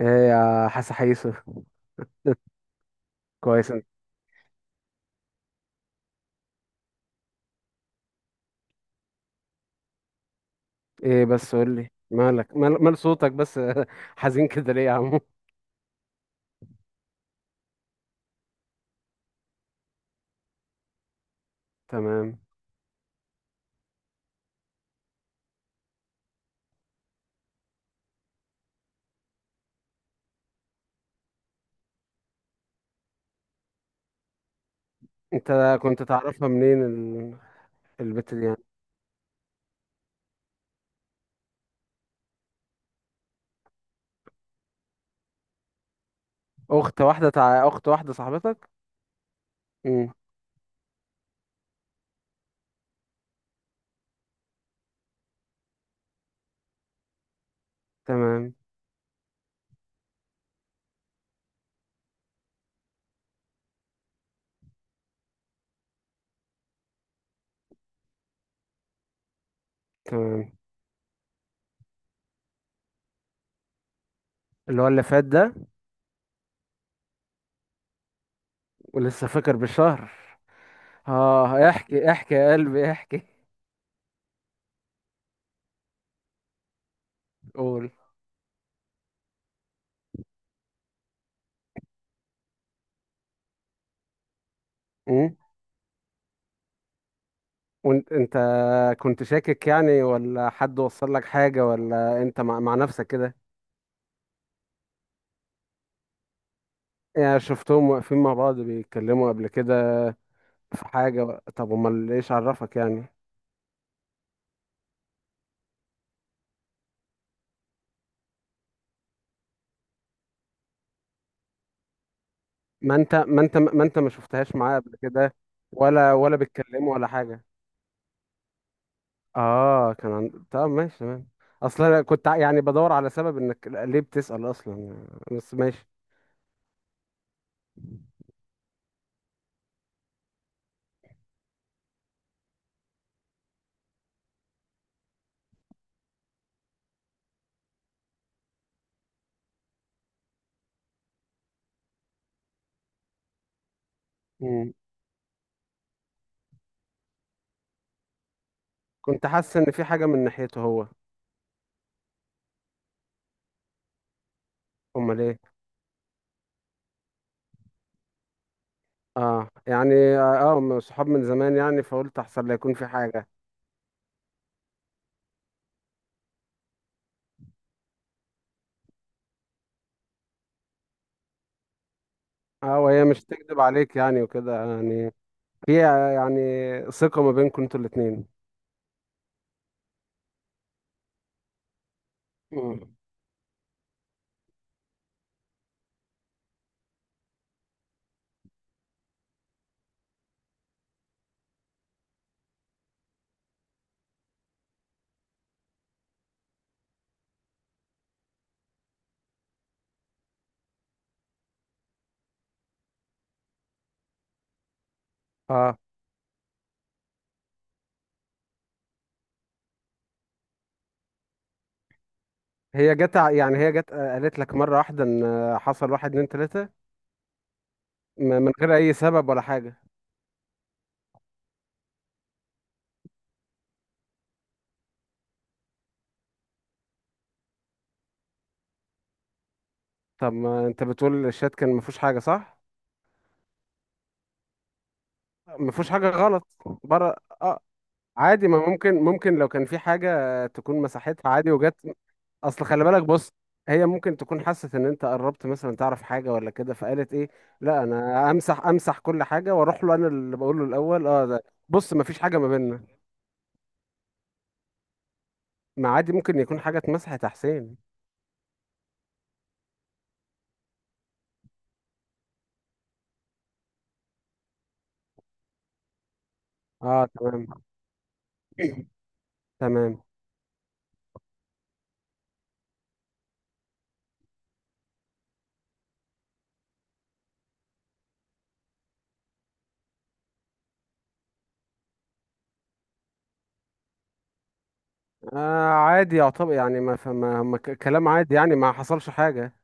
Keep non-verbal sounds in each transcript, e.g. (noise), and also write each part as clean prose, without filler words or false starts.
ايه يا حاسة حيسة. (laughs) كويس أوي. ايه بس قول لي مالك مال صوتك بس. (laughs) حزين كده ليه يا عمو؟ تمام. انت كنت تعرفها منين البت دي يعني؟ اخت واحدة صاحبتك؟ امم. تمام تمام. اللي هو اللي فات ده؟ ولسه فاكر بالشهر؟ اه احكي احكي يا قلبي احكي. قول. امم. وانت كنت شاكك يعني، ولا حد وصل لك حاجة، ولا انت مع نفسك كده؟ يعني شفتهم واقفين مع بعض بيتكلموا قبل كده؟ في حاجة؟ طب امال ايش عرفك يعني؟ ما انت ما شفتهاش معاه قبل كده؟ ولا بيتكلموا ولا حاجة؟ اه كان طب ماشي تمام. اصلا أنا كنت يعني بدور على سبب انك ليه بتسأل اصلا، بس ماشي. مم. كنت حاسس ان في حاجة من ناحيته هو؟ امال ايه؟ اه يعني اه من صحاب من زمان يعني، فقلت احسن لا يكون في حاجة. اه، وهي مش تكذب عليك يعني وكده يعني. في يعني ثقة ما بينكم انتوا الاتنين. مم. اه هي جت يعني هي جت قالت لك مرة واحدة ان حصل واحد اتنين تلاتة؟ من غير اي سبب ولا حاجة؟ طب ما انت بتقول الشات كان ما فيهوش حاجة، صح؟ ما فيهوش حاجة غلط. بره. اه عادي. ما ممكن، ممكن لو كان في حاجة تكون مساحتها عادي، وجت. اصل خلي بالك. بص، هي ممكن تكون حست ان انت قربت مثلا تعرف حاجة ولا كده، فقالت ايه لا انا امسح امسح كل حاجة واروح له انا اللي بقول له الاول. اه ده بص، ما فيش حاجة ما بيننا. ما عادي ممكن يكون حاجة اتمسحت يا حسين. اه تمام. تمام. آه عادي يعتبر يعني، ما فما ما ك- كلام عادي يعني، ما حصلش حاجة.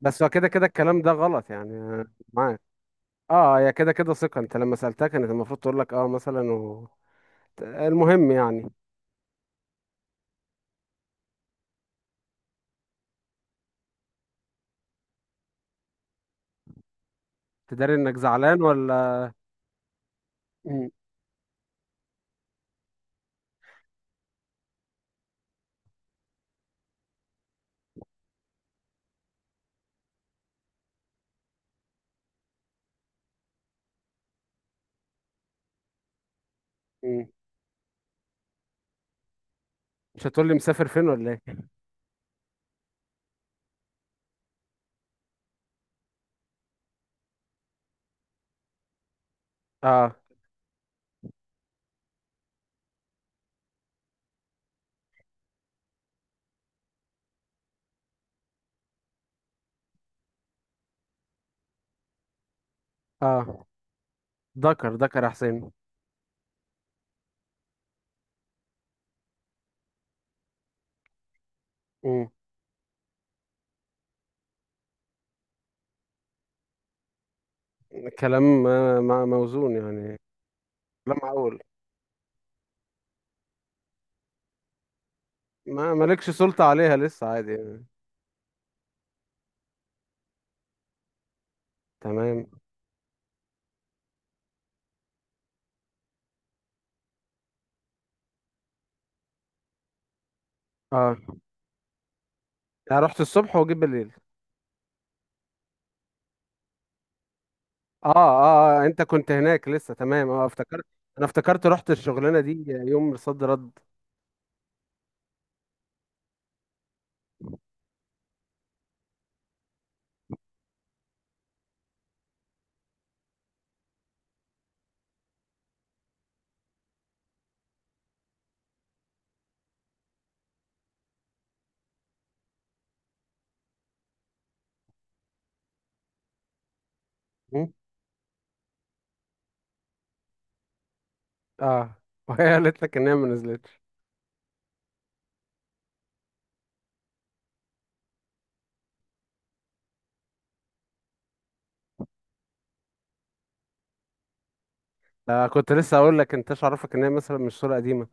بس هو كده كده الكلام ده غلط يعني معاك. اه، هي كده كده ثقة، انت لما سألتها كانت المفروض تقول لك اه مثلا المهم يعني. تداري انك زعلان ولا؟ م- م. مش هتقول لي مسافر فين ولا ايه؟ اه اه. ذكر ذكر يا حسين. م. كلام موزون يعني. كلام معقول. ما مالكش سلطة عليها لسه عادي يعني. تمام. اه، انا رحت الصبح وجيت بالليل؟ اه اه اه، انت كنت هناك لسه، تمام، اه افتكرت. انا افتكرت رحت الشغلانه دي يوم صد رد. م؟ اه (laughs) وهي قالت لك ان هي ما نزلتش؟ آه كنت لسه اقول لك انتش عارفك ان هي مثلا مش صوره قديمه؟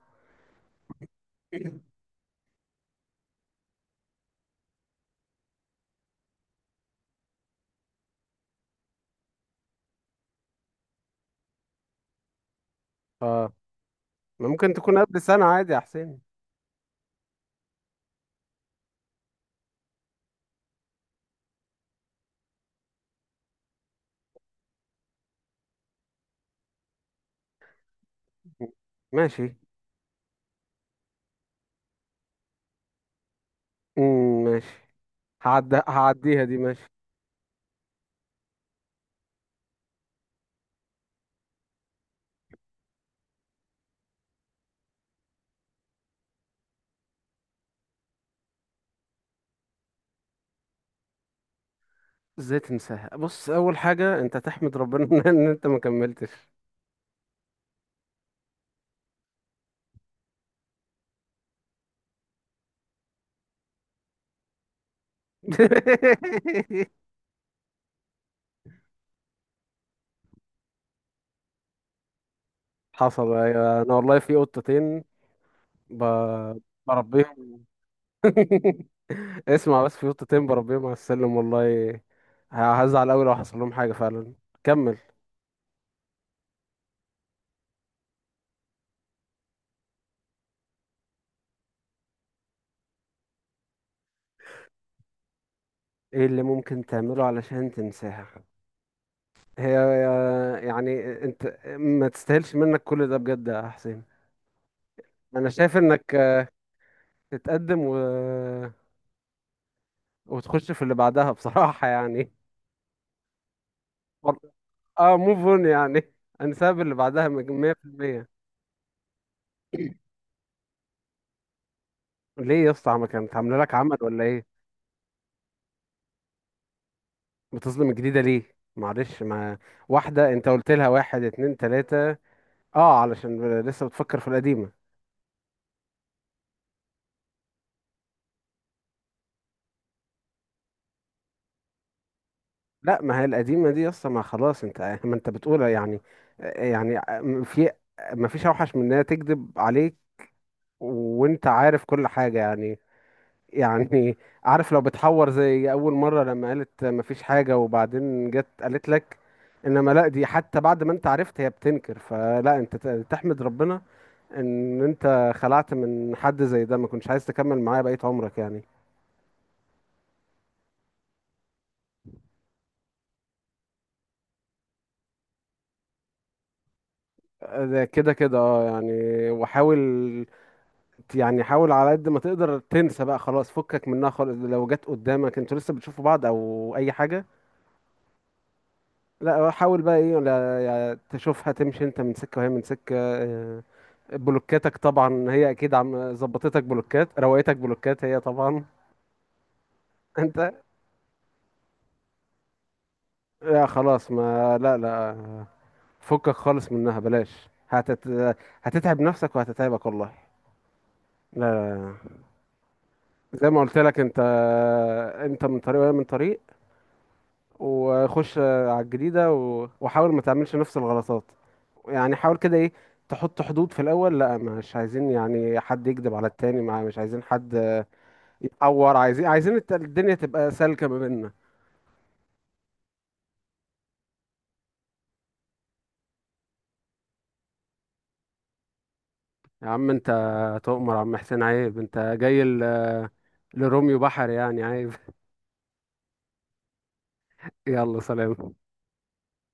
اه، ما ممكن تكون قبل سنه عادي يا حسين. م. ماشي. ماشي. هعدي دي ماشي. ازاي تنساها؟ بص، اول حاجه انت تحمد ربنا (laughs) ان انت ما كملتش. (laughs) حصل، ايوه انا والله في قطتين ب... بربيهم. (laughs) اسمع، بس في قطتين بربيهم على السلم والله. هزعل أوي لو حصل لهم حاجة فعلا. كمل. ايه اللي ممكن تعمله علشان تنساها؟ هي يعني انت ما تستاهلش منك كل ده بجد يا حسين. انا شايف انك تتقدم وتخش في اللي بعدها بصراحة يعني. (laughs) اه موف اون يعني. انساب اللي بعدها 100%. ليه يا اسطى، ما كانت عامله لك عمل ولا ايه؟ بتظلم الجديدة ليه؟ معلش، ما واحدة انت قلت لها واحد اتنين تلاتة. اه علشان لسه بتفكر في القديمة. لا ما هي القديمة دي اصلا ما خلاص انت، (laughs) ما انت بتقولها يعني. يعني في، ما فيش اوحش من انها تكذب عليك وانت عارف كل حاجة يعني. يعني عارف لو بتحور زي اول مره لما قالت مفيش حاجه وبعدين جت قالت لك، انما لا دي حتى بعد ما انت عرفت هي بتنكر، فلا انت تحمد ربنا ان انت خلعت من حد زي ده ما كنتش عايز تكمل معاه بقية عمرك يعني. ده كده كده اه يعني، وحاول. يعني حاول على قد ما تقدر تنسى بقى، خلاص فكك منها خالص. لو جت قدامك انتوا لسه بتشوفوا بعض او اي حاجة، لا حاول بقى ايه، ولا يعني تشوفها تمشي انت من سكة وهي من سكة بلوكاتك طبعا هي اكيد عم ظبطتك بلوكات، روقتك بلوكات هي طبعا. (laughs) انت لا خلاص، ما لا لا فكك خالص منها، بلاش هتتعب نفسك وهتتعبك والله. لا لا لا. زي ما قلت لك انت، انت من طريق وهي من طريق، وخش على الجديدة وحاول ما تعملش نفس الغلطات. يعني حاول كده ايه، تحط حدود في الاول، لا مش عايزين يعني حد يكذب على التاني، مع مش عايزين حد يتعور، عايزين الدنيا تبقى سالكة ما بيننا. يا عم انت تؤمر يا عم حسين، عيب انت جاي لروميو بحر يعني، عيب. (laughs) يلا سلام.